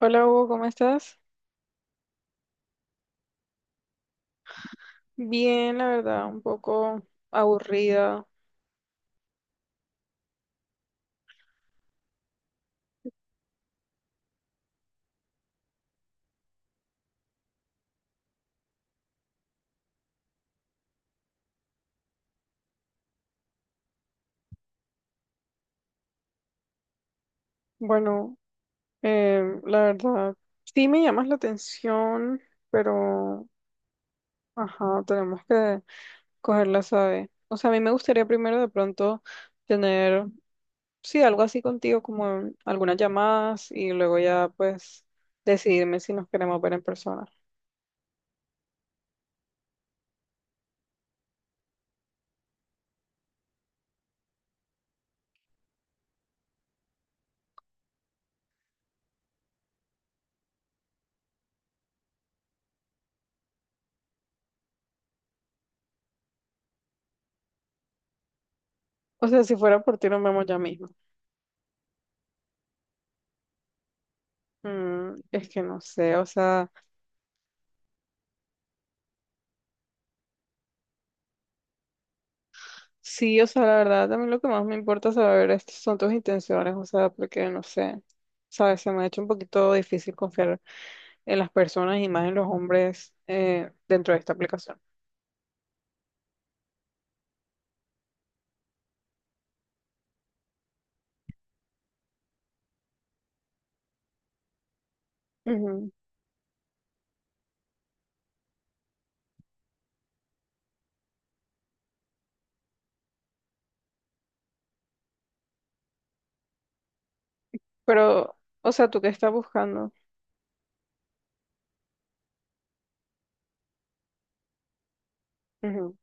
Hola Hugo, ¿cómo estás? Bien, la verdad, un poco aburrida. Bueno, la verdad, sí me llamas la atención, pero, ajá, tenemos que cogerla, sabe. O sea, a mí me gustaría primero de pronto tener, sí, algo así contigo, como en algunas llamadas y luego ya, pues, decidirme si nos queremos ver en persona. O sea, si fuera por ti, nos vemos ya mismo. Es que no sé, o sea... Sí, o sea, la verdad, también lo que más me importa saber es, son tus intenciones, o sea, porque no sé, sabes, se me ha hecho un poquito difícil confiar en las personas y más en los hombres dentro de esta aplicación. Ujú. Pero, o sea, ¿tú qué estás buscando? Ujú.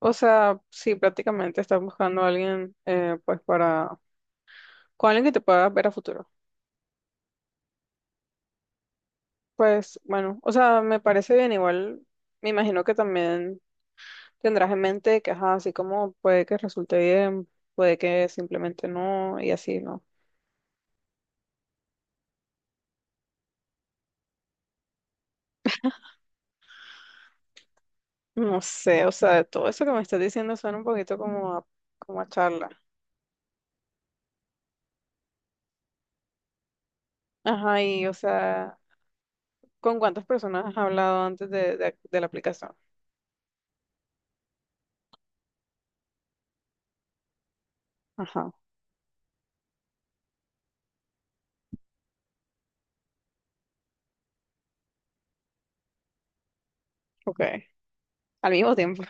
O sea, sí, prácticamente estás buscando a alguien, pues, para, con alguien que te pueda ver a futuro. Pues, bueno, o sea, me parece bien, igual, me imagino que también. Tendrás en mente que, ajá, así como puede que resulte bien, puede que simplemente no, y así, ¿no? No sé, o sea, todo eso que me estás diciendo suena un poquito como a, como a charla. Ajá, y, o sea, ¿con cuántas personas has hablado antes de la aplicación? Ajá, ok. Al mismo tiempo.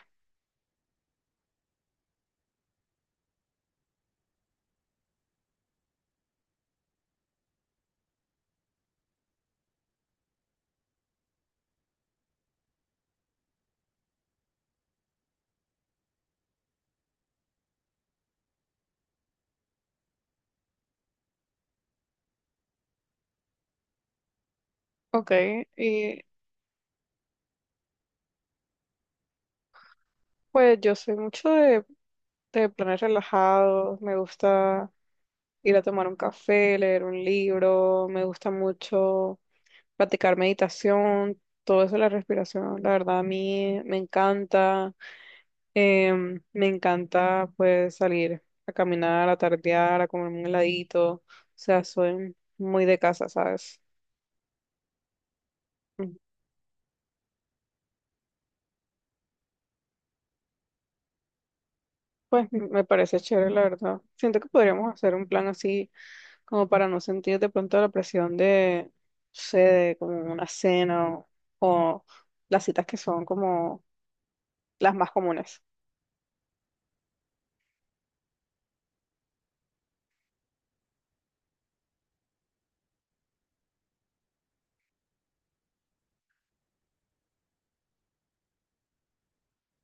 Ok, y pues yo soy mucho de planes relajados, me gusta ir a tomar un café, leer un libro, me gusta mucho practicar meditación, todo eso, de la respiración, la verdad a mí me encanta, me encanta pues salir a caminar, a tardear, a comer un heladito, o sea, soy muy de casa, ¿sabes? Mm, me parece chévere, la verdad. Siento que podríamos hacer un plan así como para no sentir de pronto la presión de, no sé, de como una cena o las citas que son como las más comunes.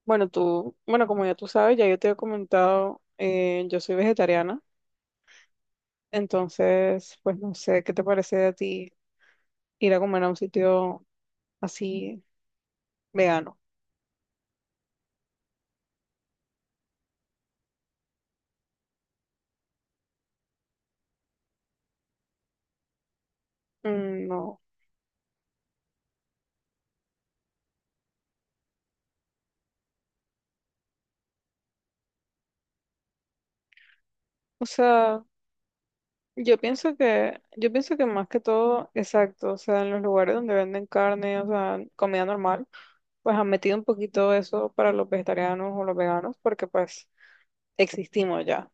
Bueno, tú, bueno, como ya tú sabes, ya yo te he comentado, yo soy vegetariana, entonces, pues no sé, ¿qué te parece a ti ir a comer a un sitio así vegano? Mm, no, o sea, yo pienso que más que todo, exacto, o sea, en los lugares donde venden carne, o sea, comida normal, pues han metido un poquito eso para los vegetarianos o los veganos, porque pues existimos ya.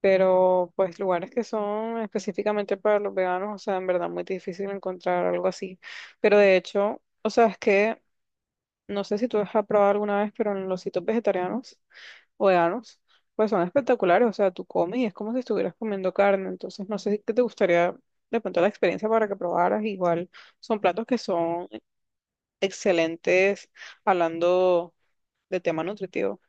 Pero pues lugares que son específicamente para los veganos, o sea, en verdad muy difícil encontrar algo así. Pero de hecho, o sea, es que no sé si tú has probado alguna vez, pero en los sitios vegetarianos o veganos, pues son espectaculares, o sea, tú comes y es como si estuvieras comiendo carne, entonces no sé si qué te gustaría de pronto la experiencia para que probaras, igual son platos que son excelentes hablando de tema nutritivo.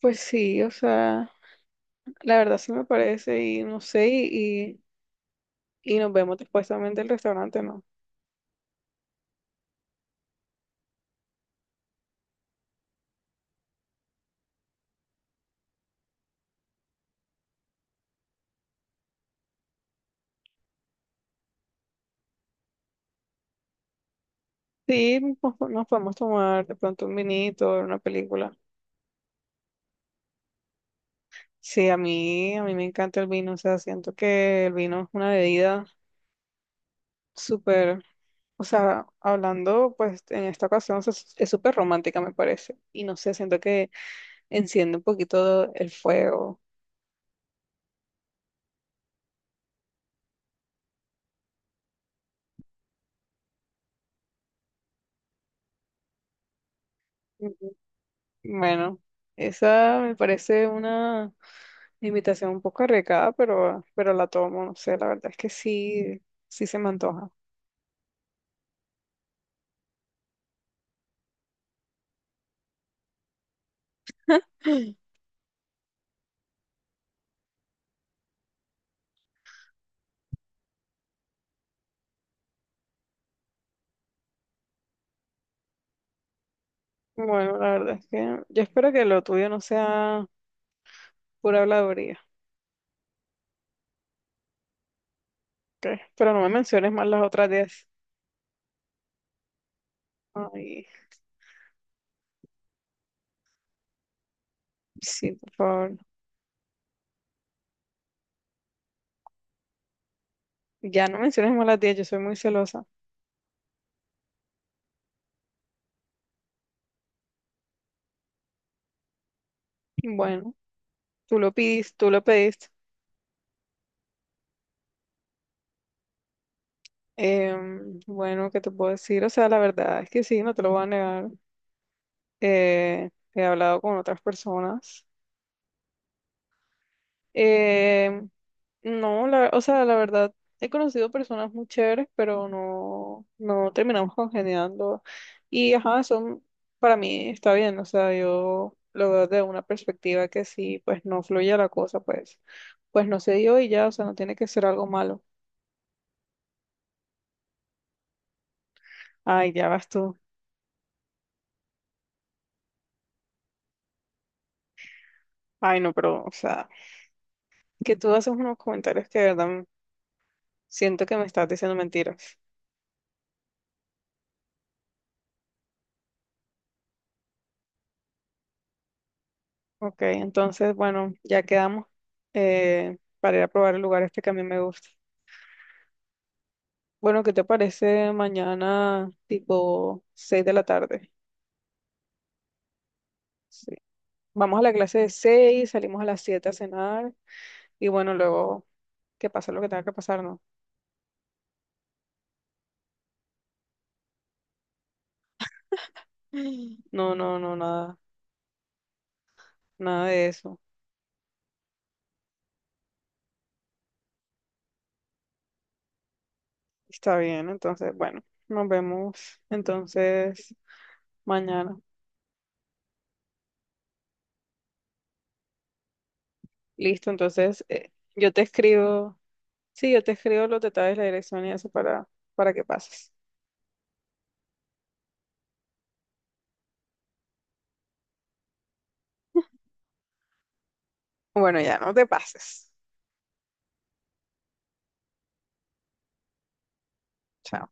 Pues sí, o sea, la verdad sí me parece y no sé, y nos vemos después también del restaurante, ¿no? Sí, nos, po- nos podemos tomar de pronto un vinito, una película. Sí, a mí me encanta el vino, o sea, siento que el vino es una bebida súper, o sea, hablando pues en esta ocasión, o sea, es súper romántica me parece, y no sé, siento que enciende un poquito el fuego. Ujú. Bueno, esa me parece una invitación un poco arriesgada, pero la tomo, no sé, la verdad es que sí, sí se me antoja. Bueno, la verdad es que yo espero que lo tuyo no sea pura habladuría, ¿ok? Pero no me menciones más las otras 10. Ay, sí, por favor. Ya no menciones más las 10, yo soy muy celosa. Bueno, tú lo pediste, tú lo pediste. Bueno, ¿qué te puedo decir? O sea, la verdad es que sí, no te lo voy a negar. He hablado con otras personas. Eh, no, o sea, la verdad, he conocido personas muy chéveres, pero no, no terminamos congeniando. Y ajá, son, para mí está bien, o sea, yo lo veo desde una perspectiva que si pues no fluye la cosa, pues no se dio y ya, o sea, no tiene que ser algo malo. Ay, ya vas tú. Ay, no, pero, o sea, que tú haces unos comentarios que de verdad m- siento que me estás diciendo mentiras. Ok, entonces, bueno, ya quedamos para ir a probar el lugar este que a mí me gusta. Bueno, ¿qué te parece mañana tipo 6 de la tarde? Sí. Vamos a la clase de 6, salimos a las 7 a cenar y bueno, luego que pase lo que tenga que pasar, ¿no? No, no, no, nada, nada de eso. Está bien, entonces, bueno, nos vemos entonces mañana. Listo, entonces yo te escribo, sí, yo te escribo los detalles, la dirección y eso para que pases. Bueno, ya no te pases. Chao.